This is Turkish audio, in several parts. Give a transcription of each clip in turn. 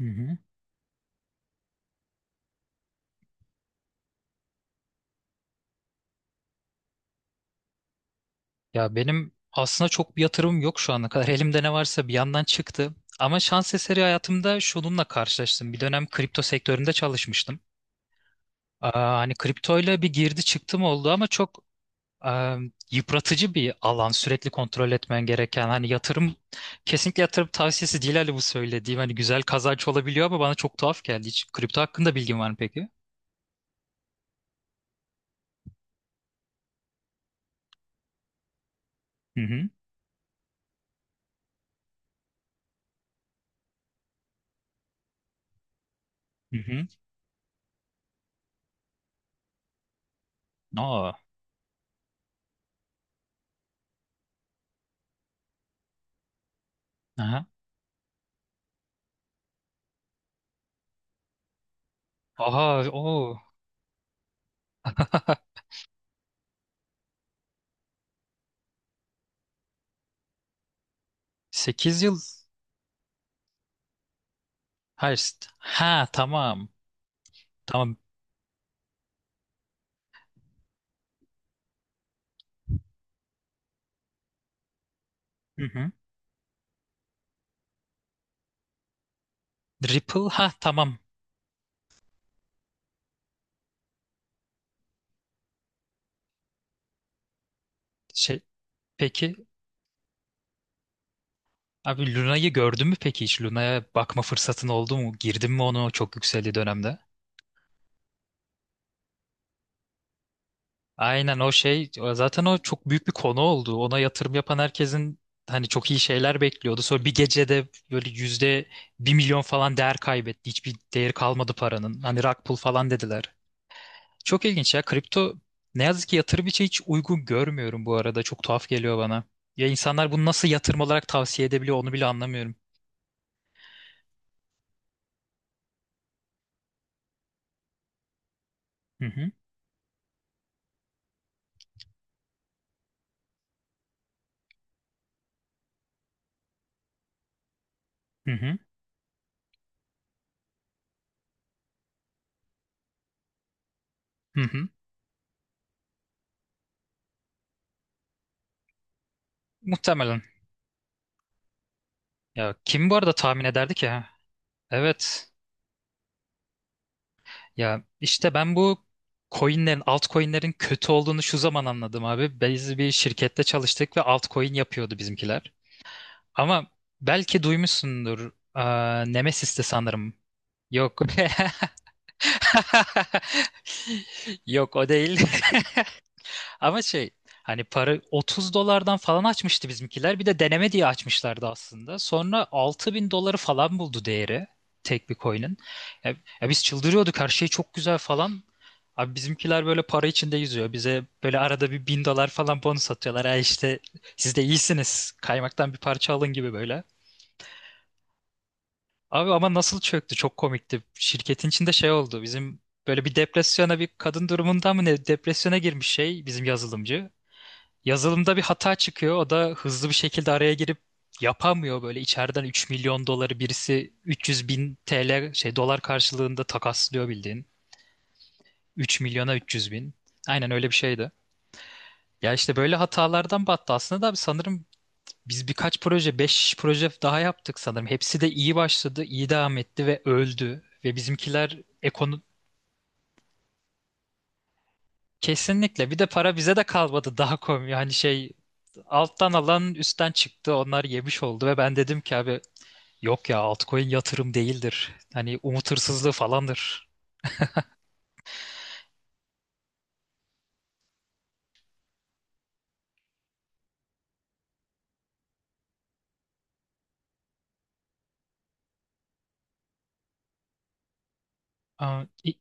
Hı hı. Ya benim aslında çok bir yatırımım yok şu ana kadar. Elimde ne varsa bir yandan çıktı. Ama şans eseri hayatımda şununla karşılaştım. Bir dönem kripto sektöründe çalışmıştım. Hani kriptoyla bir girdi çıktım oldu ama çok e, yıpratıcı bir alan. Sürekli kontrol etmen gereken. Hani yatırım kesinlikle yatırım tavsiyesi değil, hani bu söylediğim. Hani güzel kazanç olabiliyor ama bana çok tuhaf geldi. Hiç kripto hakkında bilgin var mı peki? Hı hı. Hı hı. Aa. Aha. Aha. O 8 yıl. Hayır. Ha, tamam. Tamam. Hı hı. Ripple, ha tamam. Şey peki abi, Luna'yı gördün mü peki hiç? Luna'ya bakma fırsatın oldu mu? Girdin mi onu çok yükseldiği dönemde? Aynen, o zaten o çok büyük bir konu oldu. Ona yatırım yapan herkesin, hani çok iyi şeyler bekliyordu. Sonra bir gecede böyle yüzde bir milyon falan değer kaybetti. Hiçbir değeri kalmadı paranın. Hani rug pull falan dediler. Çok ilginç ya. Kripto ne yazık ki yatırım için hiç uygun görmüyorum bu arada. Çok tuhaf geliyor bana. Ya insanlar bunu nasıl yatırım olarak tavsiye edebiliyor, onu bile anlamıyorum. Hı hı. Hı hı. Hı hı. Muhtemelen. Ya kim bu arada tahmin ederdi ki? Ha? Evet. Ya işte ben bu coinlerin, altcoinlerin kötü olduğunu şu zaman anladım abi. Biz bir şirkette çalıştık ve altcoin yapıyordu bizimkiler. Ama belki duymuşsundur. Nemesis'ti sanırım. Yok. Yok, o değil. Ama şey, hani para 30 dolardan falan açmıştı bizimkiler. Bir de deneme diye açmışlardı aslında. Sonra 6.000 doları falan buldu değeri tek bir coin'in. Ya, ya, biz çıldırıyorduk, her şey çok güzel falan. Abi bizimkiler böyle para içinde yüzüyor. Bize böyle arada bir 1.000 dolar falan bonus atıyorlar. Ha işte, siz de iyisiniz. Kaymaktan bir parça alın gibi böyle. Abi ama nasıl çöktü? Çok komikti. Şirketin içinde şey oldu. Bizim böyle bir depresyona, bir kadın durumunda mı ne, depresyona girmiş şey bizim yazılımcı. Yazılımda bir hata çıkıyor. O da hızlı bir şekilde araya girip yapamıyor, böyle içeriden 3.000.000 doları birisi 300.000 TL şey dolar karşılığında takaslıyor bildiğin. 3.000.000'a 300.000. Aynen öyle bir şeydi. Ya işte böyle hatalardan battı aslında da abi, sanırım biz birkaç proje, 5 proje daha yaptık sanırım. Hepsi de iyi başladı, iyi devam etti ve öldü. Ve bizimkiler ekonomi, kesinlikle bir de para bize de kalmadı, daha komik. Hani şey, alttan alan üstten çıktı. Onlar yemiş oldu ve ben dedim ki abi, yok ya, altcoin yatırım değildir. Hani umut hırsızlığı falandır. Aa, i-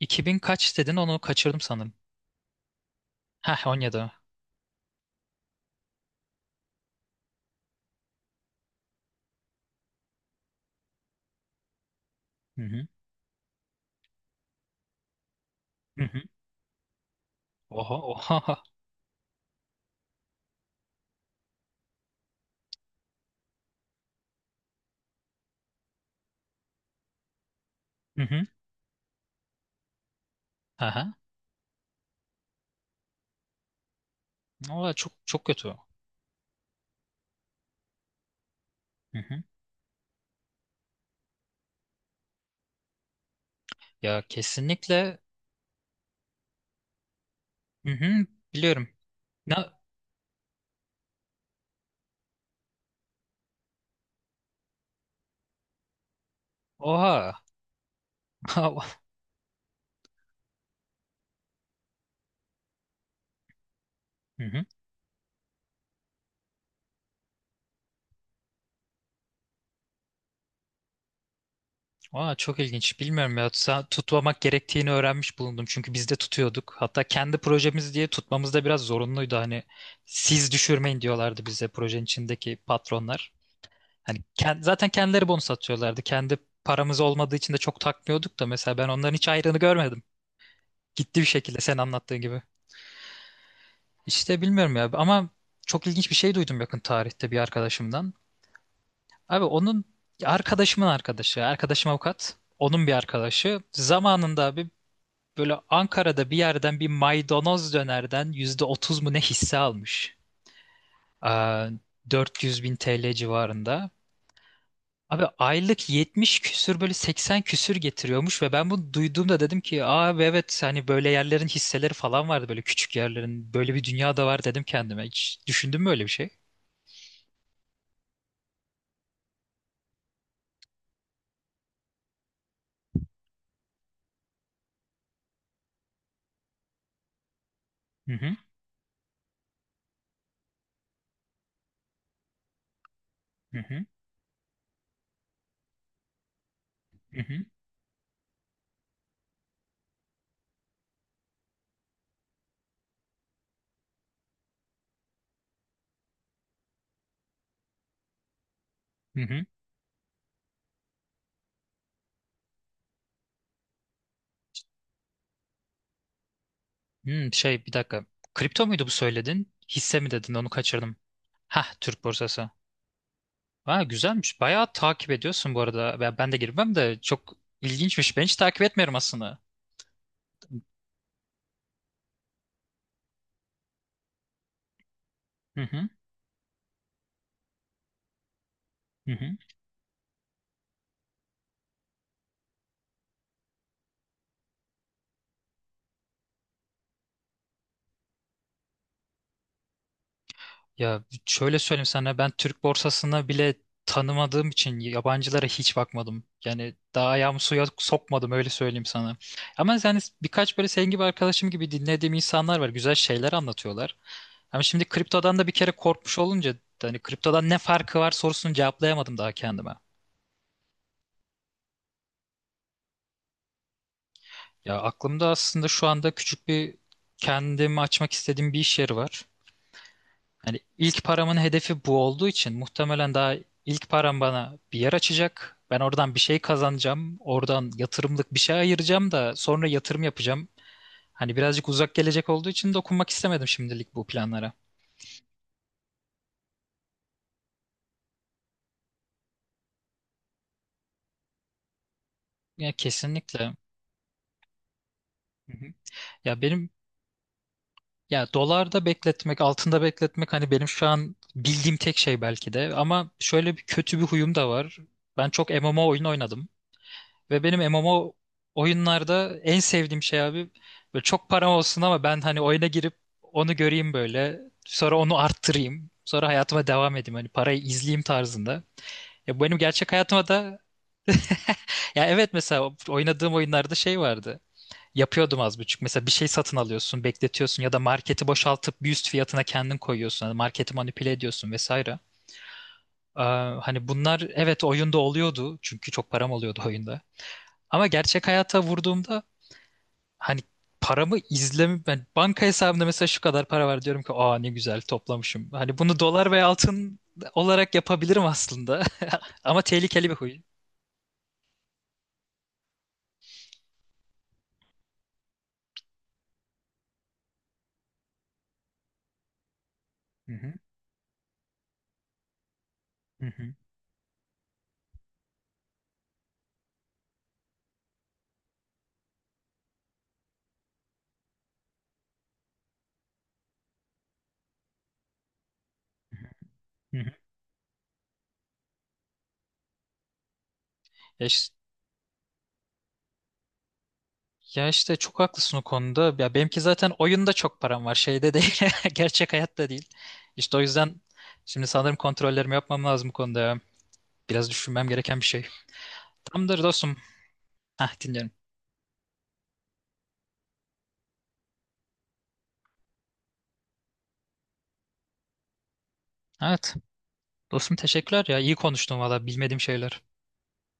2000 kaç dedin, onu kaçırdım sanırım. Heh, 17. Hı hı. Hı hı. Oha oha. Hı hı. Aha. Oha, çok çok kötü. Hı hı. Ya kesinlikle. Hı hı, biliyorum. Ne? Oha. Hı hı. Oha, çok ilginç. Bilmiyorum ya. Tutmamak gerektiğini öğrenmiş bulundum. Çünkü biz de tutuyorduk. Hatta kendi projemiz diye tutmamız da biraz zorunluydu. Hani siz düşürmeyin diyorlardı bize projenin içindeki patronlar. Hani zaten kendileri bonus atıyorlardı. Kendi paramız olmadığı için de çok takmıyorduk da, mesela ben onların hiç ayrını görmedim. Gitti bir şekilde sen anlattığın gibi. İşte bilmiyorum ya ama çok ilginç bir şey duydum yakın tarihte bir arkadaşımdan. Abi onun, arkadaşımın arkadaşı, arkadaşım avukat, onun bir arkadaşı. Zamanında abi böyle Ankara'da bir yerden bir maydanoz dönerden %30 mu ne hisse almış. Aa, 400.000 TL civarında. Abi aylık 70 küsür böyle 80 küsür getiriyormuş ve ben bunu duyduğumda dedim ki abi, evet hani böyle yerlerin hisseleri falan vardı, böyle küçük yerlerin, böyle bir dünya da var dedim kendime. Hiç düşündün mü öyle bir şey? Hı hı, hı hı, hı hı. Hı hı. Hmm, bir dakika. Kripto muydu bu söyledin? Hisse mi dedin? Onu kaçırdım. Hah, Türk borsası. Ha, güzelmiş. Bayağı takip ediyorsun bu arada. Ben de girmem de çok ilginçmiş. Ben hiç takip etmiyorum aslında. Hı hı. Hı hı. Ya şöyle söyleyeyim sana, ben Türk borsasını bile tanımadığım için yabancılara hiç bakmadım. Yani daha ayağımı suya sokmadım, öyle söyleyeyim sana. Ama yani birkaç böyle senin gibi arkadaşım gibi dinlediğim insanlar var. Güzel şeyler anlatıyorlar. Ama şimdi kriptodan da bir kere korkmuş olunca, hani kriptodan ne farkı var sorusunu cevaplayamadım daha kendime. Ya aklımda aslında şu anda küçük bir, kendimi açmak istediğim bir iş yeri var. Yani ilk paramın hedefi bu olduğu için muhtemelen daha, ilk param bana bir yer açacak. Ben oradan bir şey kazanacağım. Oradan yatırımlık bir şey ayıracağım da sonra yatırım yapacağım. Hani birazcık uzak gelecek olduğu için dokunmak istemedim şimdilik bu planlara. Ya kesinlikle. Hı hı. Ya benim, ya dolarda bekletmek, altında bekletmek, hani benim şu an bildiğim tek şey belki de. Ama şöyle bir kötü bir huyum da var. Ben çok MMO oyun oynadım. Ve benim MMO oyunlarda en sevdiğim şey abi, böyle çok param olsun ama ben hani oyuna girip onu göreyim böyle. Sonra onu arttırayım. Sonra hayatıma devam edeyim. Hani parayı izleyeyim tarzında. Ya bu benim gerçek hayatıma da, ya evet, mesela oynadığım oyunlarda şey vardı. Yapıyordum az buçuk. Mesela bir şey satın alıyorsun, bekletiyorsun, ya da marketi boşaltıp bir üst fiyatına kendin koyuyorsun. Hani marketi manipüle ediyorsun vesaire. Ee, hani bunlar evet oyunda oluyordu. Çünkü çok param oluyordu oyunda. Ama gerçek hayata vurduğumda, hani paramı izlemi, ben banka hesabımda mesela şu kadar para var diyorum ki, aa ne güzel toplamışım. Hani bunu dolar ve altın olarak yapabilirim aslında. Ama tehlikeli bir huy. Hı hı, hı hı, hı hı. Ya, iş- ya, işte çok haklısın o konuda. Ya benimki zaten oyunda çok param var. Şeyde değil. Gerçek hayatta değil. İşte o yüzden şimdi sanırım kontrollerimi yapmam lazım bu konuda. Ya. Biraz düşünmem gereken bir şey. Tamamdır dostum. Hah, dinliyorum. Evet. Dostum teşekkürler ya. İyi konuştun valla, bilmediğim şeyler.